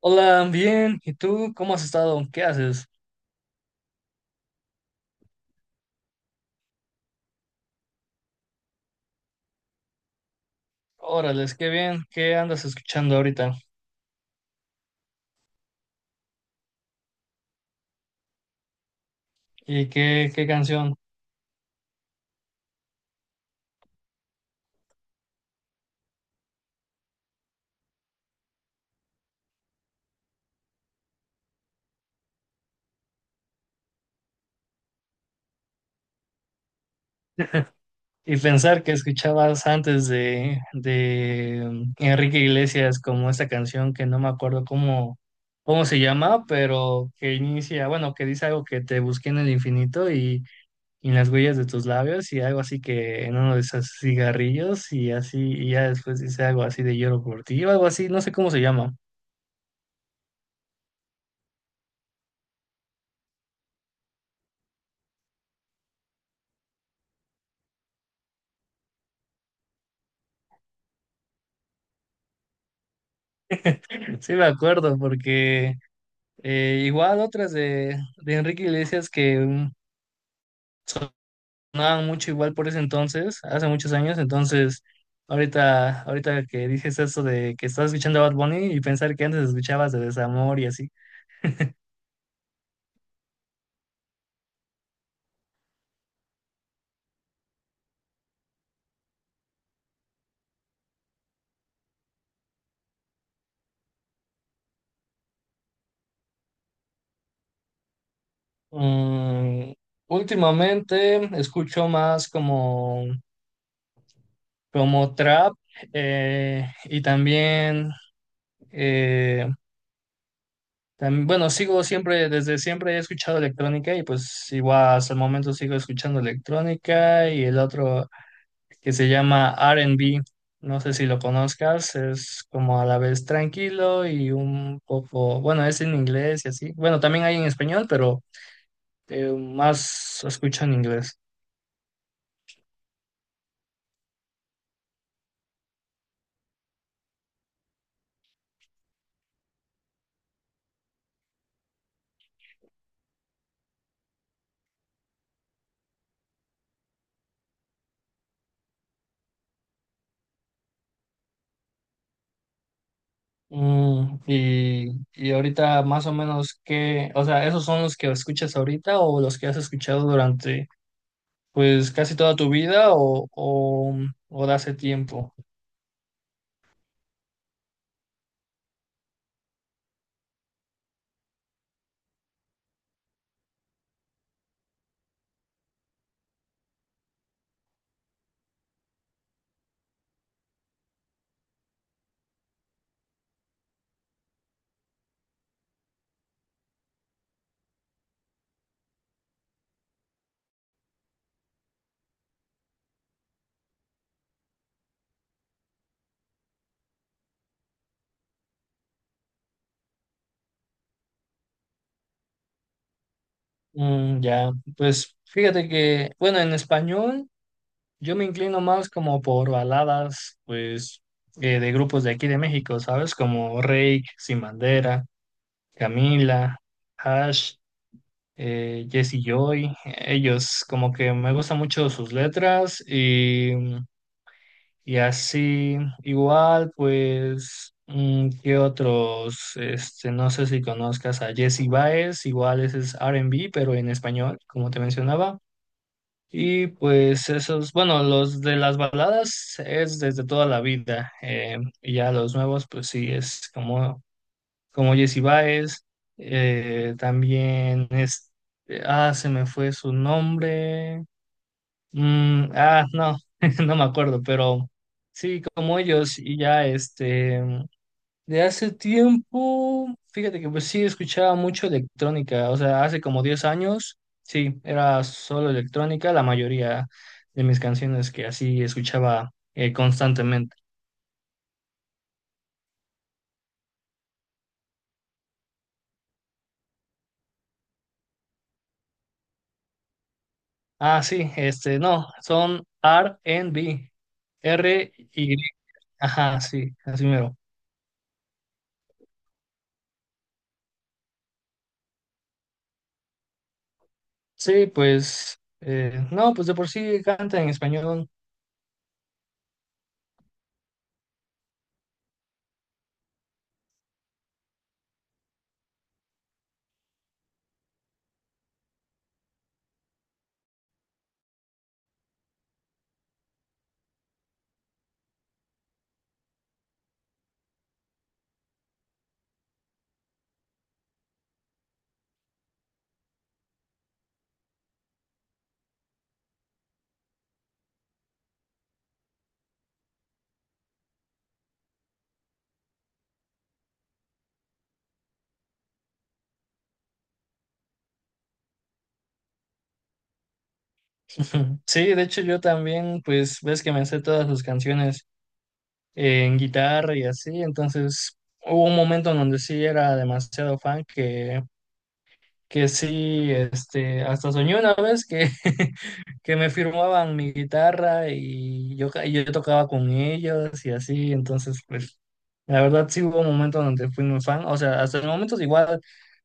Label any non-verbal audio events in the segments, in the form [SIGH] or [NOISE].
Hola, bien. ¿Y tú cómo has estado? ¿Qué haces? Órales, qué bien. ¿Qué andas escuchando ahorita? ¿Y qué canción? Y pensar que escuchabas antes de Enrique Iglesias como esta canción que no me acuerdo cómo se llama, pero que inicia, bueno, que dice algo que te busqué en el infinito y en las huellas de tus labios y algo así que en uno de esos cigarrillos y así, y ya después dice algo así de lloro por ti o algo así, no sé cómo se llama. Sí, me acuerdo, porque igual otras de Enrique Iglesias que sonaban mucho igual por ese entonces, hace muchos años, entonces ahorita que dices eso de que estás escuchando a Bad Bunny y pensar que antes escuchabas de Desamor y así. Mm, últimamente escucho más como trap, y también... eh, bueno, sigo siempre, desde siempre he escuchado electrónica y pues igual hasta el momento sigo escuchando electrónica y el otro que se llama R&B, no sé si lo conozcas, es como a la vez tranquilo y un poco, bueno, es en inglés y así. Bueno, también hay en español, pero más escucho en inglés. Y ahorita más o menos que, o sea, ¿esos son los que escuchas ahorita o los que has escuchado durante pues casi toda tu vida, o, de hace tiempo? Ya, pues fíjate que, bueno, en español yo me inclino más como por baladas, pues, de grupos de aquí de México, ¿sabes? Como Reik, Sin Bandera, Camila, Hash, Jesse Joy. Ellos, como que me gustan mucho sus letras y así. Igual, pues, ¿qué otros? Este, no sé si conozcas a Jesse Baez, igual ese es R&B, pero en español, como te mencionaba. Y pues esos, bueno, los de las baladas es desde toda la vida. Y ya los nuevos, pues sí, es como Jesse Baez. También es, ah, se me fue su nombre. Ah, no, [LAUGHS] no me acuerdo, pero sí, como ellos, y ya este, de hace tiempo, fíjate que pues sí escuchaba mucho electrónica, o sea, hace como 10 años, sí, era solo electrónica, la mayoría de mis canciones que así escuchaba constantemente. Ah, sí, este, no, son R&B, R-Y, ajá, sí, así mero. Sí, pues, no, pues de por sí canta en español. Ujú. Sí, de hecho yo también, pues ves que me sé todas sus canciones en guitarra y así, entonces hubo un momento en donde sí era demasiado fan que sí, este, hasta soñé una vez que, [LAUGHS] que me firmaban mi guitarra y yo, y yo tocaba con ellos y así, entonces pues la verdad sí hubo un momento donde fui muy fan, o sea, hasta el momento igual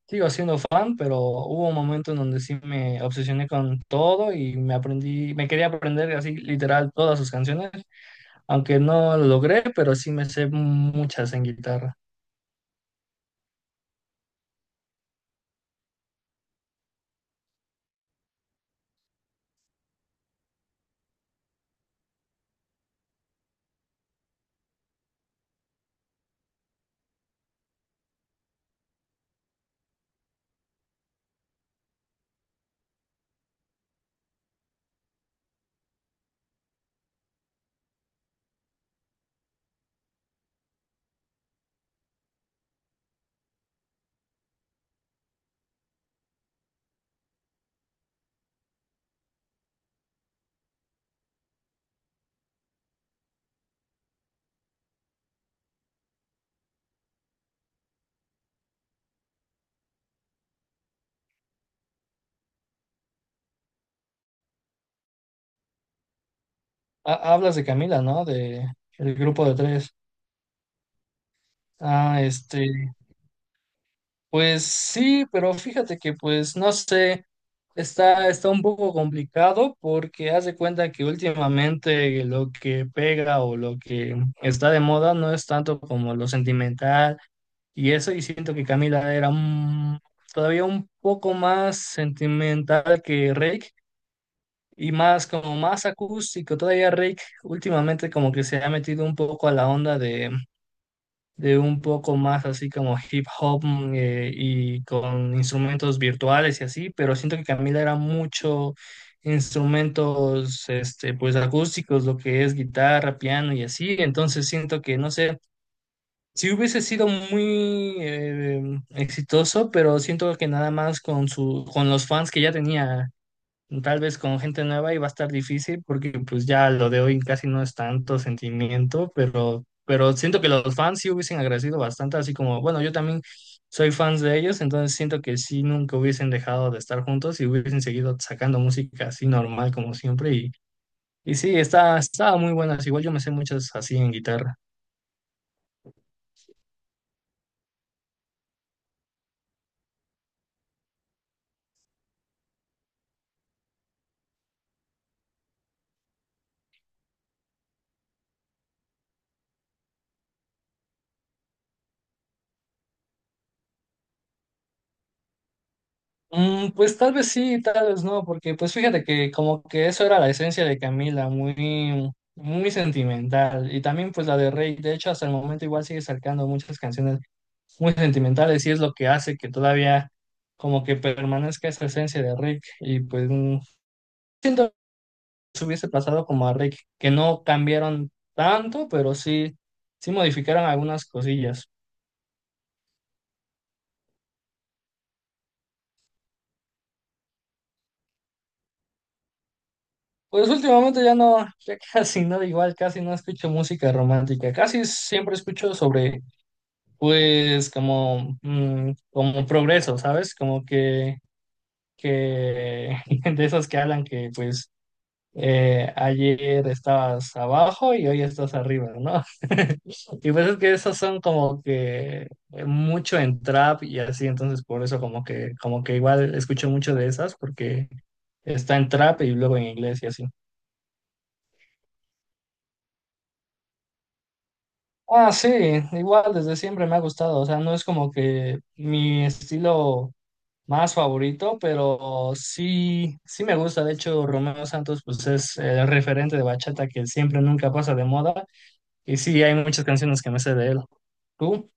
sigo siendo fan, pero hubo un momento en donde sí me obsesioné con todo y me aprendí, me quería aprender así literal todas sus canciones, aunque no lo logré, pero sí me sé muchas en guitarra. Hablas de Camila, ¿no? De el grupo de tres. Ah, este, pues sí, pero fíjate que pues no sé, está un poco complicado porque haz de cuenta que últimamente lo que pega o lo que está de moda no es tanto como lo sentimental y eso, y siento que Camila era todavía un poco más sentimental que Rake y más como más acústico, todavía Rake últimamente como que se ha metido un poco a la onda de un poco más así como hip hop, y con instrumentos virtuales y así, pero siento que Camila era mucho instrumentos, este, pues acústicos, lo que es guitarra, piano y así, entonces siento que no sé, si hubiese sido muy exitoso, pero siento que nada más con los fans que ya tenía. Tal vez con gente nueva y va a estar difícil porque pues ya lo de hoy casi no es tanto sentimiento, pero siento que los fans sí hubiesen agradecido bastante, así como, bueno, yo también soy fans de ellos, entonces siento que sí nunca hubiesen dejado de estar juntos y hubiesen seguido sacando música así normal como siempre y sí, estaba muy buenas, igual yo me sé muchas así en guitarra. Pues tal vez sí, tal vez no, porque pues fíjate que como que eso era la esencia de Camila, muy, muy sentimental. Y también pues la de Rey, de hecho hasta el momento igual sigue sacando muchas canciones muy sentimentales y es lo que hace que todavía como que permanezca esa esencia de Rick. Y pues siento que se hubiese pasado como a Rick, que no cambiaron tanto, pero sí, sí modificaron algunas cosillas. Pues últimamente ya no, ya [LAUGHS] casi no, igual casi no escucho música romántica, casi siempre escucho sobre, pues, como, como progreso, ¿sabes? Como que [LAUGHS] de esos que hablan que, pues, ayer estabas abajo y hoy estás arriba, ¿no? [LAUGHS] Y pues es que esos son como que mucho en trap y así, entonces por eso como que igual escucho mucho de esas porque está en trap y luego en inglés y así. Ah, sí, igual desde siempre me ha gustado, o sea, no es como que mi estilo más favorito, pero sí, sí me gusta, de hecho, Romeo Santos pues es el referente de bachata que siempre nunca pasa de moda y sí, hay muchas canciones que me sé de él. ¿Tú?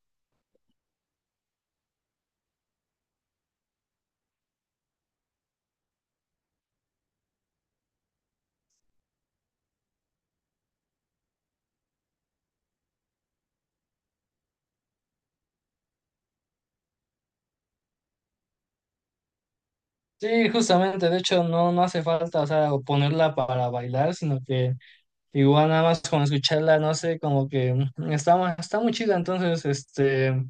Sí, justamente, de hecho, no, no hace falta, o sea, ponerla para bailar, sino que igual nada más con escucharla, no sé, como que está muy chida, entonces, este...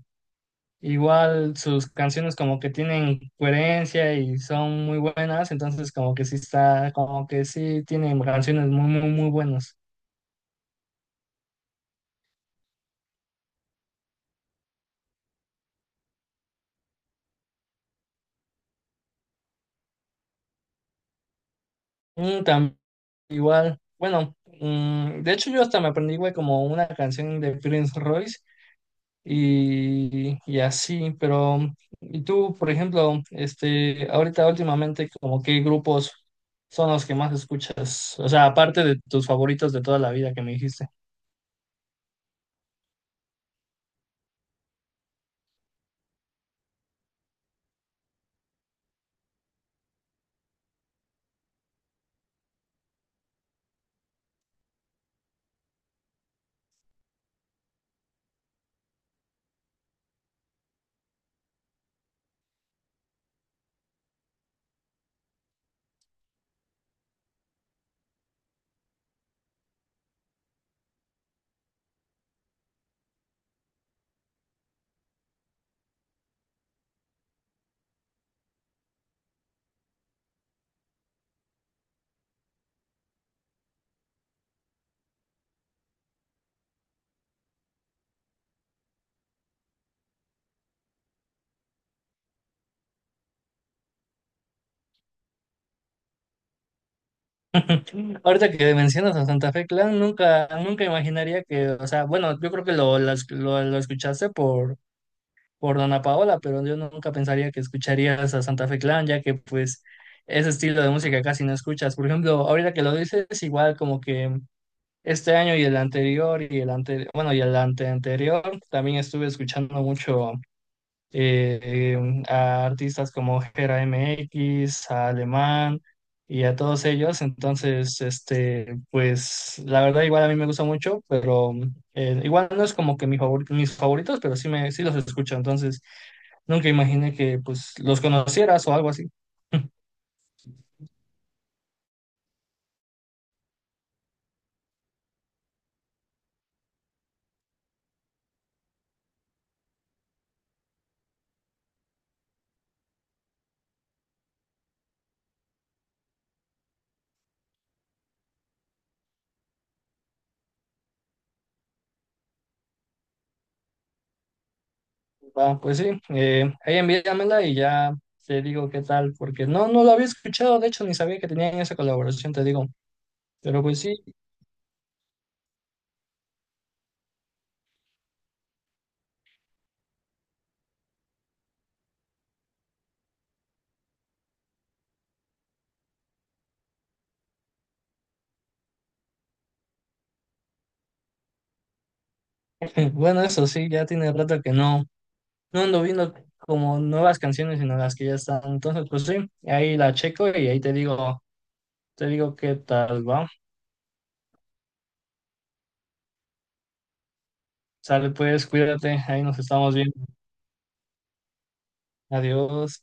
Igual sus canciones como que tienen coherencia y son muy buenas, entonces como que sí está, como que sí tienen canciones muy, muy, muy buenas. Mm, tam- Igual, bueno, de hecho yo hasta me aprendí, güey, como una canción de Prince Royce y así, pero, y tú, por ejemplo, este, ahorita últimamente, como qué grupos son los que más escuchas, o sea, aparte de tus favoritos de toda la vida que me dijiste. Ahorita que mencionas a Santa Fe Clan, nunca, nunca imaginaría que, o sea, bueno, yo creo que lo escuchaste por Dana Paola, pero yo nunca pensaría que escucharías a Santa Fe Clan, ya que pues ese estilo de música casi no escuchas. Por ejemplo, ahorita que lo dices, igual como que este año y el anterior, bueno, y el anteanterior, también estuve escuchando mucho a artistas como Gera MX, a Alemán y a todos ellos. Entonces, este, pues la verdad igual a mí me gusta mucho, pero igual no es como que mi mis favoritos, pero sí, sí los escucho. Entonces, nunca imaginé que pues los conocieras o algo así. Va, pues sí, ahí envíamela y ya te digo qué tal, porque no, no lo había escuchado, de hecho, ni sabía que tenían esa colaboración, te digo. Pero pues sí, [LAUGHS] bueno, eso sí, ya tiene rato que no. No ando viendo como nuevas canciones, sino las que ya están. Entonces, pues sí, ahí la checo y ahí te digo, qué tal va. Sale pues, cuídate, ahí nos estamos viendo. Adiós.